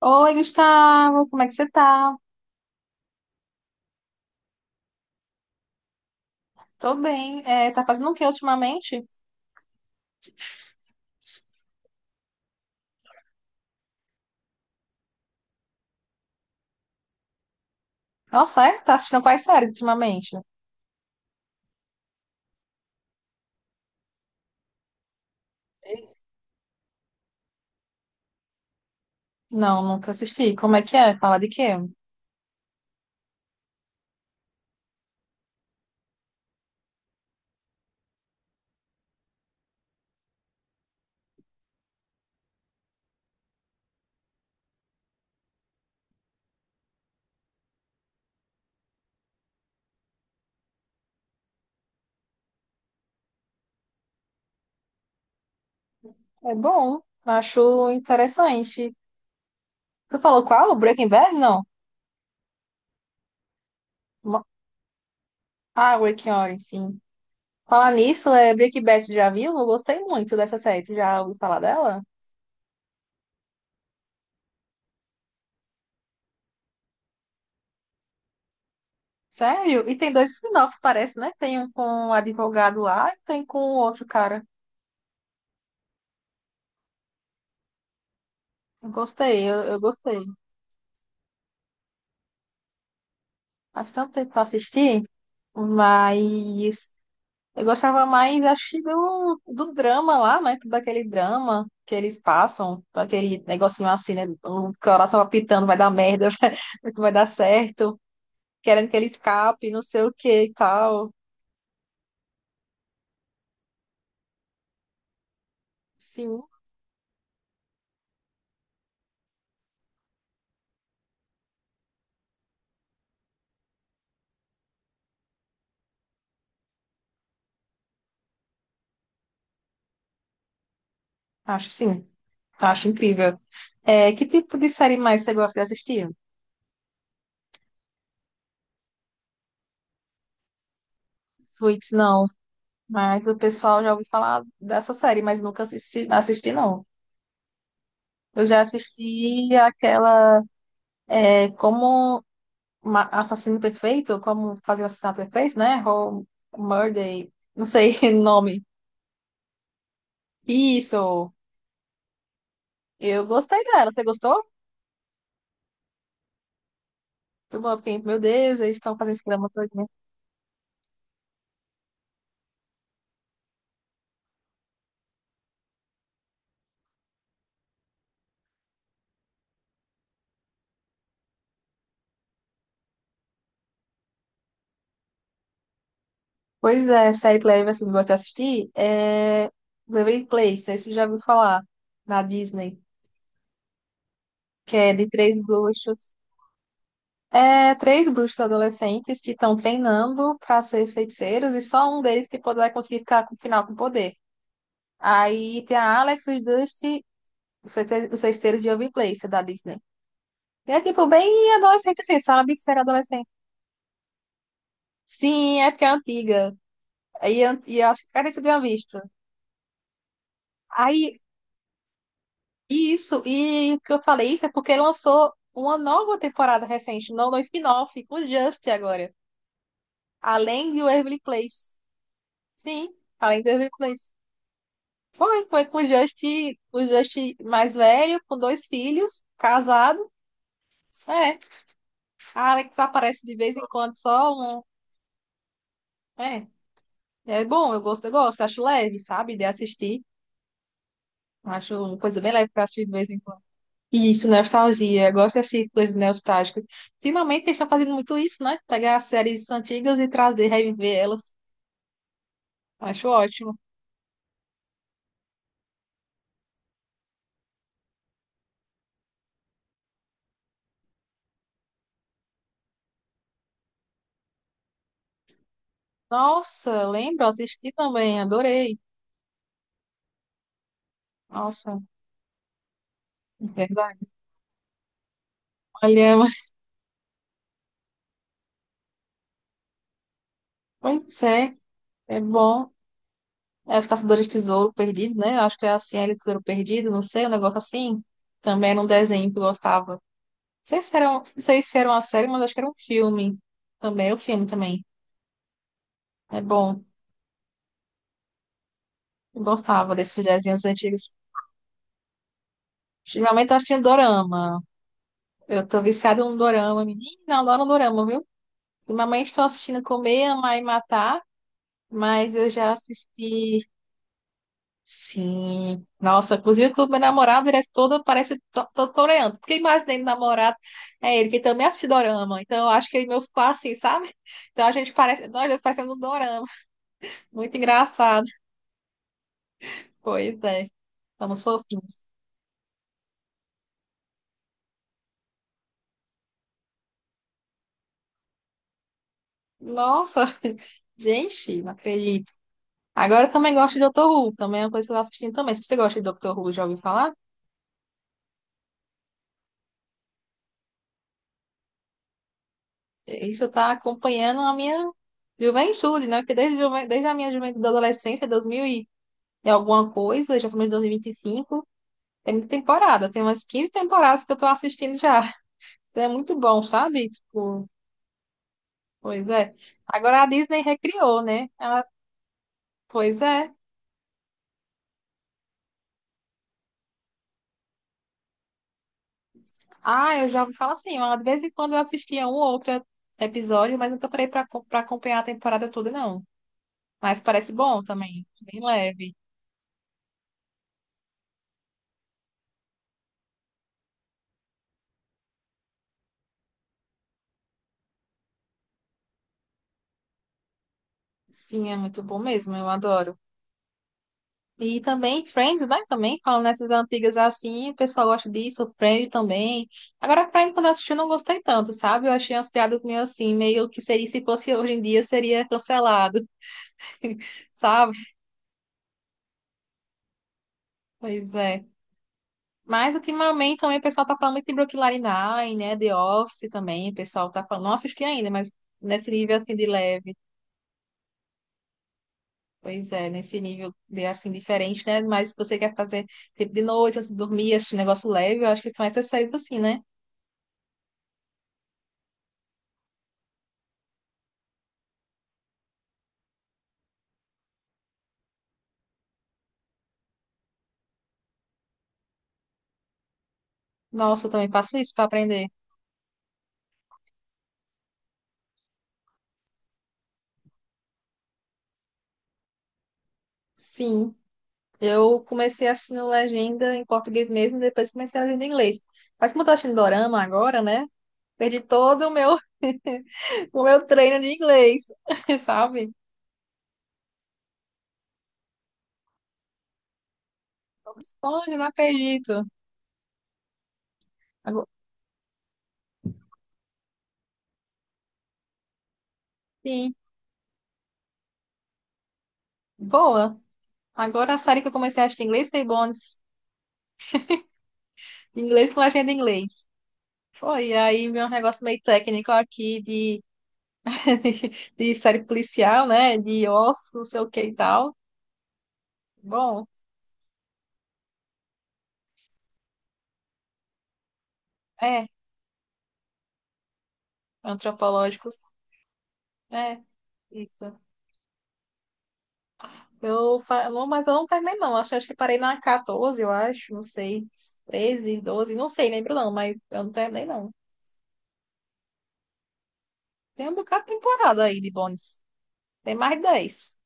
Oi, Gustavo, como é que você tá? Tô bem. É, tá fazendo o que ultimamente? Nossa, é? Tá assistindo quais séries ultimamente? Isso. Não, nunca assisti. Como é que é? Fala de quê? É bom, acho interessante. Tu falou qual? Breaking Bad? Não. Mo- Ah, Breaking Orange, sim. Falar nisso, é Breaking Bad, tu já viu? Eu gostei muito dessa série. Tu já ouviu falar dela? Sério? E tem dois spin-offs, parece, né? Tem um com um advogado lá e tem com outro cara. Gostei, eu gostei. Faz tanto tempo que eu assisti, mas eu gostava mais, acho, que do drama lá, né? Todo aquele drama que eles passam, aquele negocinho assim, né? O coração apitando, vai dar merda, vai dar certo, querendo que ele escape, não sei o que e tal. Sim, sim, acho incrível. É, que tipo de série mais você gosta de assistir? Suits, não, mas o pessoal já ouviu falar dessa série, mas nunca assisti, assisti não. Eu já assisti aquela. É como assassino perfeito, como fazer o assassinato perfeito, né? Ou murder, não sei o nome. Isso. Eu gostei dela. Você gostou? Muito bom, eu fiquei, meu Deus, eles estão fazendo esse drama todo, né? Pois é, série que leve assim, que eu gosto de assistir é Melrose Place, não, você já ouviu falar na Disney, que é de três bruxos. É, três bruxos adolescentes que estão treinando para ser feiticeiros e só um deles que poderá conseguir ficar com o final com poder. Aí tem a Alex, o Dusty. Os Feiticeiros, os Feiticeiros de Waverly da Disney. E é tipo bem adolescente assim, sabe? Ser adolescente. Sim, é porque é antiga. E eu acho que, cara, você tinha visto. Aí, isso, e o que eu falei isso é porque lançou uma nova temporada recente, no spin-off, com o Just agora. Além de Waverly Place. Sim, além de Waverly Place. Foi, foi com o Just mais velho, com dois filhos, casado. É, a Alex aparece de vez em quando só um. É. É bom, eu gosto, acho leve, sabe, de assistir. Acho uma coisa bem leve pra assistir de vez em quando. E isso, nostalgia. Eu gosto de assistir coisas nostálgicas. Ultimamente eles estão fazendo muito isso, né? Pegar séries antigas e trazer, reviver elas. Acho ótimo. Nossa, lembro, assisti também, adorei. Nossa, é verdade. Olha, pois é, é bom. É os Caçadores de Tesouro Perdido, né? Acho que é assim, era o Tesouro Perdido, não sei, um negócio assim. Também era um desenho que eu gostava. Não sei se era, não sei se era uma série, mas acho que era um filme também. O filme também. É bom. Eu gostava desses desenhos antigos. Ultimamente eu assistindo dorama. Eu tô viciada num dorama, menina. Eu adoro um dorama, viu? Ultimamente estou assistindo Comer, Amar e Matar, mas eu já assisti. Sim. Nossa, inclusive que o meu namorado ele é todo, parece todo coreano. Porque imaginei do namorado é ele que também assiste dorama. Então eu acho que ele é meu, ficou assim, sabe? Então a gente parece. Nós dois parecendo um dorama. Muito engraçado. Pois é, somos fofinhos. Nossa, gente, não acredito. Agora eu também gosto de Doctor Who, também é uma coisa que eu tô assistindo também. Se você gosta de Doctor Who, já ouviu falar? Isso tá acompanhando a minha juventude, né? Porque desde a minha juventude da adolescência, 2000 e alguma coisa, já estamos em 2025, tem muita temporada, tem umas 15 temporadas que eu tô assistindo já. Então é muito bom, sabe? Tipo, pois é. Agora a Disney recriou, né? Ela, pois é. Ah, eu já ouvi falar assim, ó, de vez em quando eu assistia um ou outro episódio, mas nunca parei para acompanhar a temporada toda, não. Mas parece bom também, bem leve. Sim, é muito bom mesmo, eu adoro. E também Friends, né? Também, falando nessas antigas assim, o pessoal gosta disso, Friends também. Agora, Friends, quando eu assisti, eu não gostei tanto, sabe? Eu achei umas piadas meio assim, meio que seria, se fosse hoje em dia, seria cancelado, sabe? Pois é. Mas ultimamente também o pessoal tá falando muito de Brooklyn Nine-Nine, né? The Office também, o pessoal tá falando. Não assisti ainda, mas nesse nível assim de leve. Pois é, nesse nível de assim diferente, né? Mas se você quer fazer tipo de noite, antes de dormir, esse negócio leve, eu acho que são essas séries assim, né? Nossa, eu também faço isso para aprender. Sim, eu comecei assistindo legenda em português mesmo, depois comecei a legenda em inglês. Mas como eu tô assistindo dorama agora, né? Perdi todo o meu, o meu treino de inglês, sabe? Esponja, não acredito. Agora- sim, boa. Agora a série que eu comecei a assistir em inglês foi Bones. Em inglês com legenda em inglês. Foi, e aí meu negócio meio técnico aqui de, de série policial, né? De ossos, não sei o que e tal. Bom, é, antropológicos. É, isso. Não, mas eu não terminei, não. Acho, acho que parei na quatorze, eu acho. Não sei. Treze, doze, não sei, lembro não, mas eu não terminei, não. Tem um bocado de temporada aí de Bones. Tem mais de 10.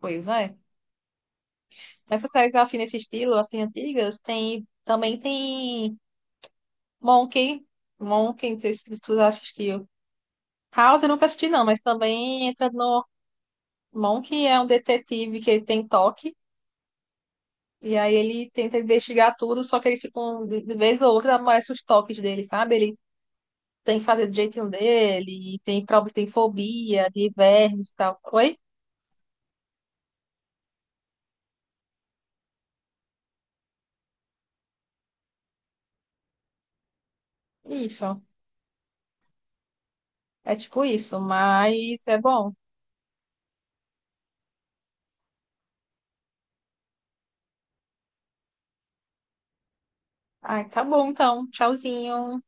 Pois é. Essas séries assim nesse estilo, assim, antigas, tem também tem Monk. Monk, não sei se tu já assistiu. House eu nunca assisti, não, mas também entra no. Monk é um detetive que ele tem toque. E aí ele tenta investigar tudo, só que ele fica um, de vez ou outra aparece os toques dele, sabe? Ele tem que fazer do jeitinho dele, e tem problema, tem fobia de vermes e tal. Oi? Isso. É tipo isso, mas é bom. Ai, tá bom então. Tchauzinho.